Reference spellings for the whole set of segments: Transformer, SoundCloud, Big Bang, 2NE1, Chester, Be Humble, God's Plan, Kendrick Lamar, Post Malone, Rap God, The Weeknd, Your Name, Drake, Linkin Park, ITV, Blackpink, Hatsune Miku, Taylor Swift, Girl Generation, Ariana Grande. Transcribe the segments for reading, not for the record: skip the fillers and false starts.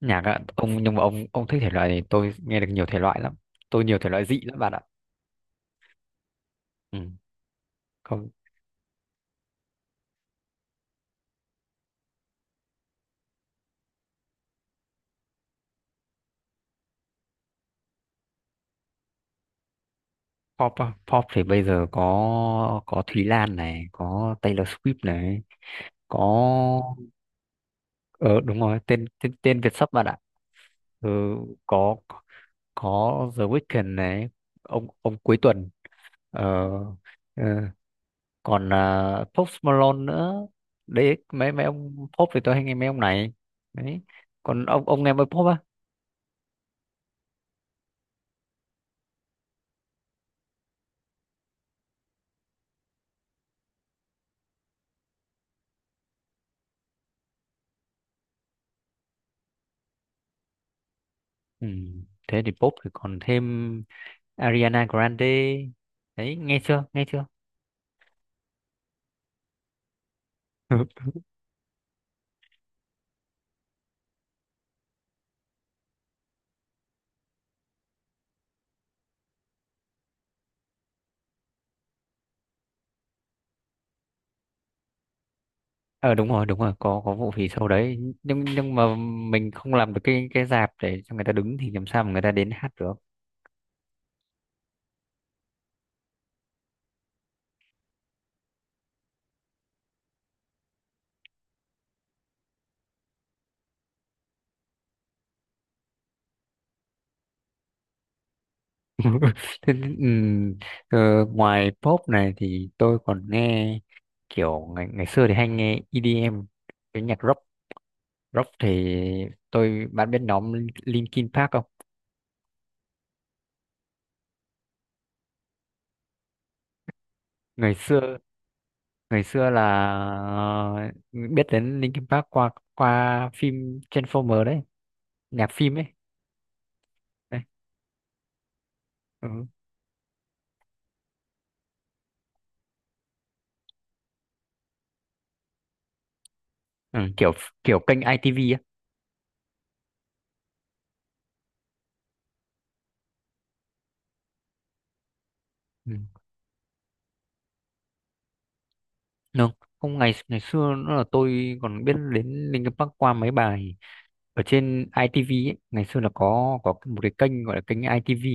Nhạc ạ ông? Nhưng mà ông thích thể loại này, tôi nghe được nhiều thể loại lắm. Tôi nhiều thể loại dị lắm, bạn ạ. Ừ. Còn pop á, pop thì bây giờ có Thúy Lan này, có Taylor Swift này, có ờ đúng rồi, tên tên, tên Việt sắp, bạn ạ. Ừ, có có The Weeknd này, ông cuối tuần. ờ, ờ, Còn Post Malone nữa. Đấy, mấy mấy ông pop thì tôi hay nghe mấy ông này. Đấy, còn ông nghe mấy pop á? Ừ. Thế thì pop thì còn thêm Ariana Grande đấy, nghe chưa, nghe chưa? Ờ Đúng rồi, đúng rồi, có vụ phỉ sau đấy. Nhưng mà mình không làm được cái rạp để cho người ta đứng, thì làm sao mà người ta đến hát được. Thế, ừm, ngoài pop này thì tôi còn nghe kiểu ngày ngày xưa thì hay nghe EDM, cái nhạc rock. Rock thì bạn biết nhóm Linkin Park không? Ngày xưa ngày xưa là, biết đến Linkin Park qua qua phim Transformer đấy, nhạc phim ấy đấy. Ừ. Ừ, kiểu kiểu kênh ITV á. Ừ. Đúng. Không, ngày ngày xưa nó là tôi còn biết đến Linkin Park qua mấy bài ở trên ITV ấy. Ngày xưa là có một cái kênh gọi là kênh ITV,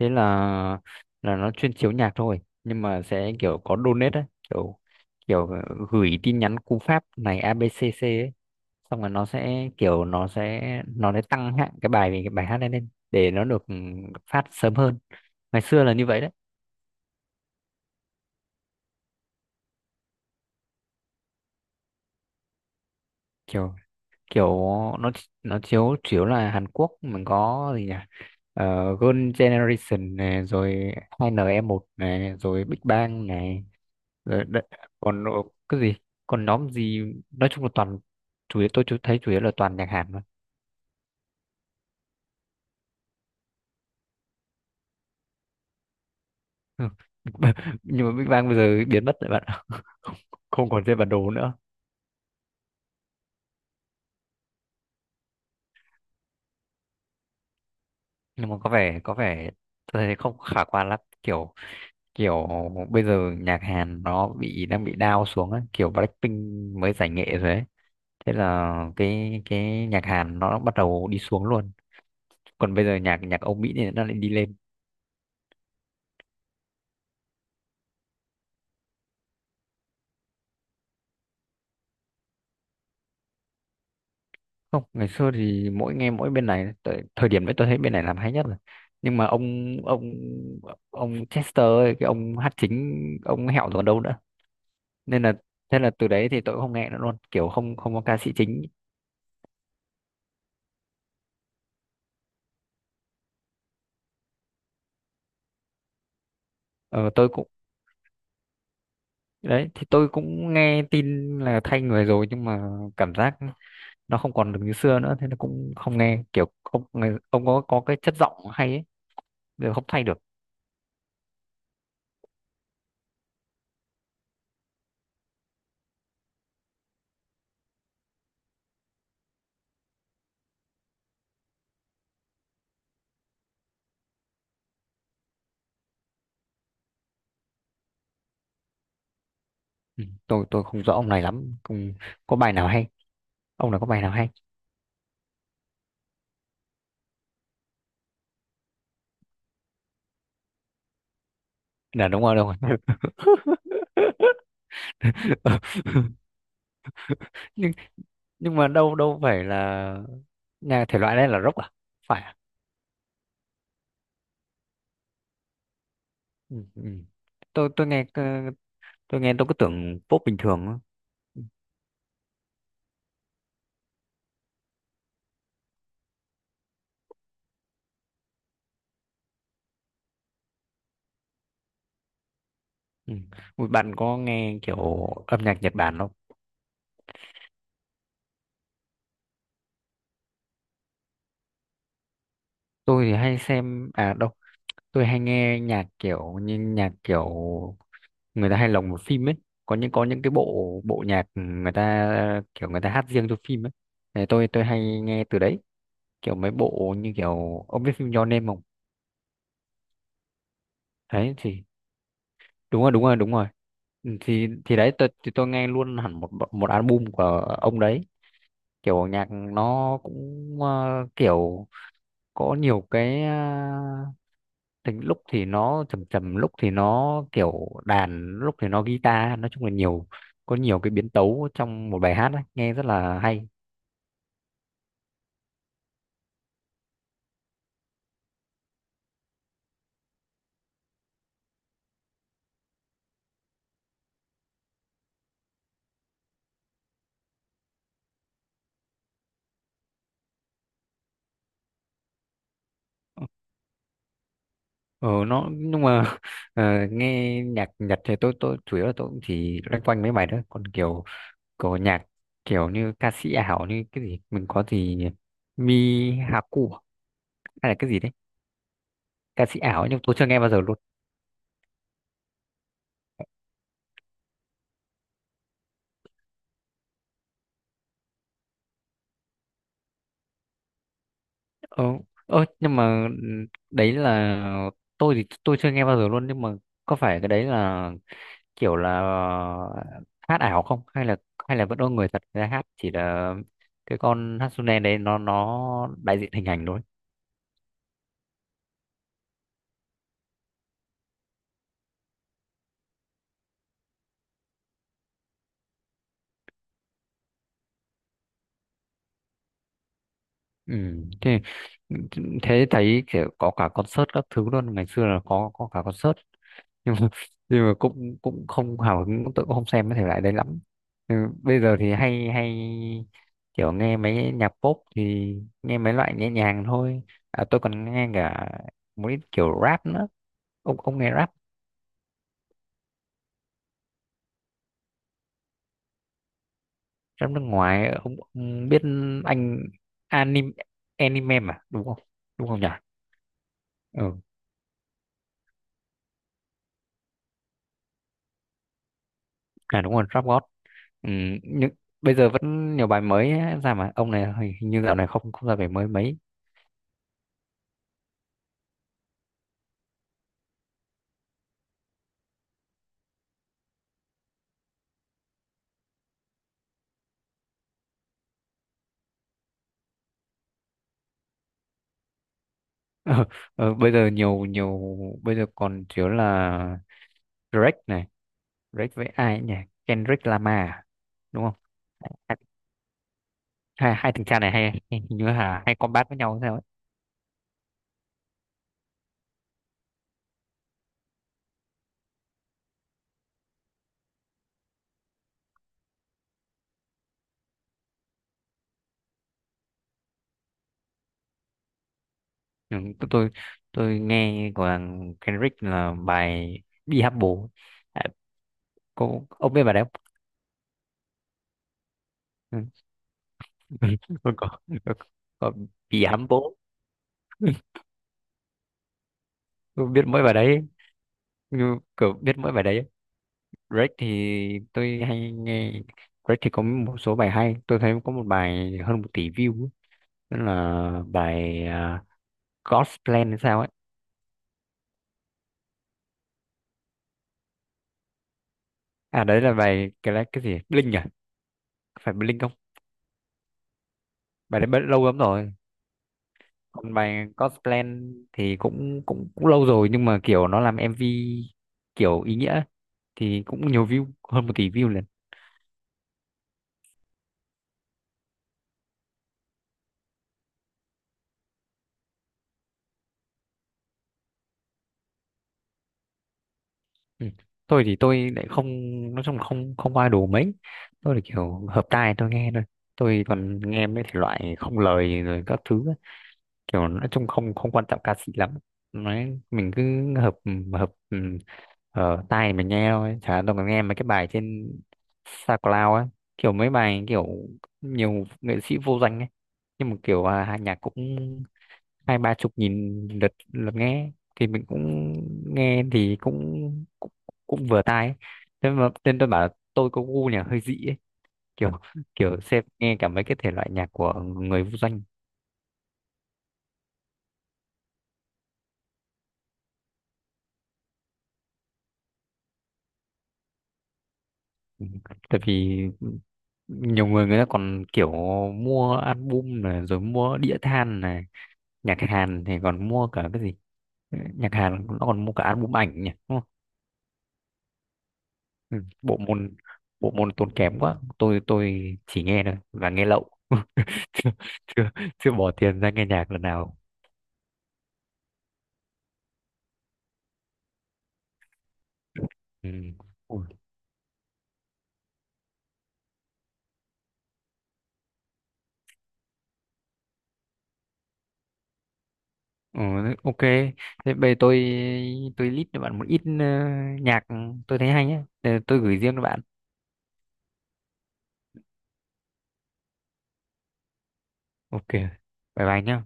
thế là nó chuyên chiếu nhạc thôi, nhưng mà sẽ kiểu có donate ấy, kiểu kiểu gửi tin nhắn cú pháp này ABCC ấy. Xong rồi nó sẽ kiểu nó sẽ tăng hạng cái bài hát lên lên để nó được, phát sớm hơn. Ngày xưa là như vậy đấy. Kiểu kiểu nó nó chiếu chủ yếu là Hàn Quốc. Mình có gì nhỉ? Girl Generation này, rồi 2NE1 này, rồi Big Bang này, rồi còn cái gì, còn nhóm gì, nói chung là toàn, chủ yếu tôi thấy chủ yếu là toàn nhạc Hàn thôi. Ừ. Nhưng mà Big Bang bây giờ biến mất rồi, bạn ạ. Không còn trên bản đồ nữa. Nhưng mà có vẻ tôi thấy không khả quan lắm, kiểu kiểu bây giờ nhạc Hàn nó đang bị down xuống ấy. Kiểu Blackpink mới giải nghệ rồi ấy, thế là cái nhạc Hàn nó bắt đầu đi xuống luôn. Còn bây giờ nhạc nhạc Âu Mỹ thì nó lại đi lên. Không, ngày xưa thì mỗi nghe mỗi bên này, thời điểm đấy tôi thấy bên này làm hay nhất rồi. Nhưng mà ông Chester ấy, cái ông hát chính, ông hẹo rồi còn đâu nữa, nên là thế là từ đấy thì tôi cũng không nghe nữa luôn, kiểu không không có ca sĩ chính. Ờ, tôi cũng đấy thì tôi cũng nghe tin là thay người rồi, nhưng mà cảm giác nó không còn được như xưa nữa, thế nó cũng không nghe, kiểu ông có cái chất giọng hay ấy, giờ không thay được. Ừ, tôi không rõ ông này lắm, không có bài nào hay? Ông này có bài nào hay? Là đúng rồi, đúng rồi. Ờ, nhưng nhưng mà đâu đâu phải là nhà thể loại này là rock à? Phải à? Ừ, ừ. tôi tôi nghe ờ, tôi nghe, tôi cứ tưởng pop bình thường á. Ừ. Ui, bạn có nghe kiểu âm nhạc Nhật Bản không? Tôi thì hay xem, à đâu, tôi hay nghe nhạc kiểu như nhạc kiểu người ta hay lồng vào phim ấy. Có những cái bộ bộ nhạc người ta hát riêng cho phim ấy. Thì tôi hay nghe từ đấy, kiểu mấy bộ như kiểu, ông biết phim Your Name không? Đấy thì đúng rồi, đúng rồi, đúng rồi. Ừ, thì đấy tôi thì tôi nghe luôn hẳn một album của ông đấy. Kiểu nhạc nó cũng, kiểu có nhiều cái, tính lúc thì nó trầm trầm, lúc thì nó kiểu đàn, lúc thì nó guitar, nói chung là nhiều. Có nhiều cái biến tấu trong một bài hát ấy, nghe rất là hay. Ừ, nó nhưng mà ờ, nghe nhạc Nhật thì tôi chủ yếu là tôi cũng chỉ loanh quanh mấy bài đó, còn kiểu có nhạc kiểu như ca sĩ ảo như cái gì, mình có gì, Mi Haku à? Hay là cái gì đấy, ca sĩ ảo ấy, nhưng tôi chưa nghe bao giờ luôn. ờ, nhưng mà ừ, đấy là tôi thì tôi chưa nghe bao giờ luôn, nhưng mà có phải cái đấy là kiểu là hát ảo không, hay là vẫn có người thật ra hát, chỉ là cái con Hatsune đấy nó đại diện hình ảnh thôi? Ừ. thế thế thấy kiểu có cả concert các thứ luôn, ngày xưa là có cả concert, nhưng mà, nhưng mà cũng cũng không hào hứng, cũng không xem cái thể loại đấy lắm. Ừ. Bây giờ thì hay hay kiểu nghe mấy nhạc pop thì nghe mấy loại nhẹ nhàng thôi. À, tôi còn nghe cả một ít kiểu rap nữa. Ông nghe rap? Phim nước ngoài ông, biết, anh anime anime mà đúng không? Đúng không nhỉ? Ừ, à đúng rồi, Rap God. Ừ, nhưng bây giờ vẫn nhiều bài mới ấy ra, mà ông này hình hình như dạo này không không ra bài mới mấy. Ờ, Bây giờ nhiều, bây giờ còn thiếu là Drake này, Drake với ai ấy nhỉ? Kendrick Lamar à? Đúng không? Hai hai, hai thằng cha này hay hình như là hay combat với nhau sao ấy. Ừ, tôi nghe của thằng Kendrick là bài Be Humble. À, ông biết bài đấy không? Ừ. Tôi có có Be Humble, tôi biết mỗi bài đấy, như kiểu biết mỗi bài đấy. Drake thì tôi hay nghe. Drake thì có một số bài hay, tôi thấy có một bài hơn 1 tỷ view ấy. Đó là bài, à, God's Plan hay sao ấy. À đấy là bài cái gì Blink à? Phải Blink không? Bài đấy bất lâu lắm rồi. Còn bài Godsplan thì cũng cũng cũng lâu rồi, nhưng mà kiểu nó làm MV kiểu ý nghĩa ấy, thì cũng nhiều view hơn một tỷ view lần. Ừ. Tôi thì tôi lại không, nói chung là không không qua đồ mấy. Tôi là kiểu hợp tai tôi nghe thôi, tôi còn nghe mấy thể loại không lời rồi các thứ. Kiểu nói chung không không quan trọng ca sĩ lắm, nói mình cứ hợp, ừ, ở tai mình nghe thôi, chả đâu có nghe mấy cái bài trên SoundCloud á. Kiểu mấy bài kiểu nhiều nghệ sĩ vô danh ấy, nhưng mà kiểu à, hai nhạc cũng hai ba chục nghìn lượt lượt nghe, thì mình cũng nghe thì cũng cũng, cũng vừa tai ấy. Thế mà nên tôi bảo là tôi có gu nhà hơi dị ấy, kiểu, kiểu xem nghe cả mấy cái thể loại nhạc của người vô danh. Ừ, tại vì nhiều người người ta còn kiểu mua album này rồi mua đĩa than này, nhạc Hàn thì còn mua cả cái gì. Ừ, nhạc Hàn nó còn mua cả album ảnh nhỉ, đúng không? Ừ, bộ môn tốn kém quá, tôi chỉ nghe thôi và nghe lậu. chưa, chưa chưa bỏ tiền ra nghe nhạc lần nào. Ừ. Ui. Ừ, ok, thế bây giờ tôi list cho bạn một ít, nhạc tôi thấy hay nhé. Ờ, tôi gửi riêng cho bạn. Ok, bye bye nhé.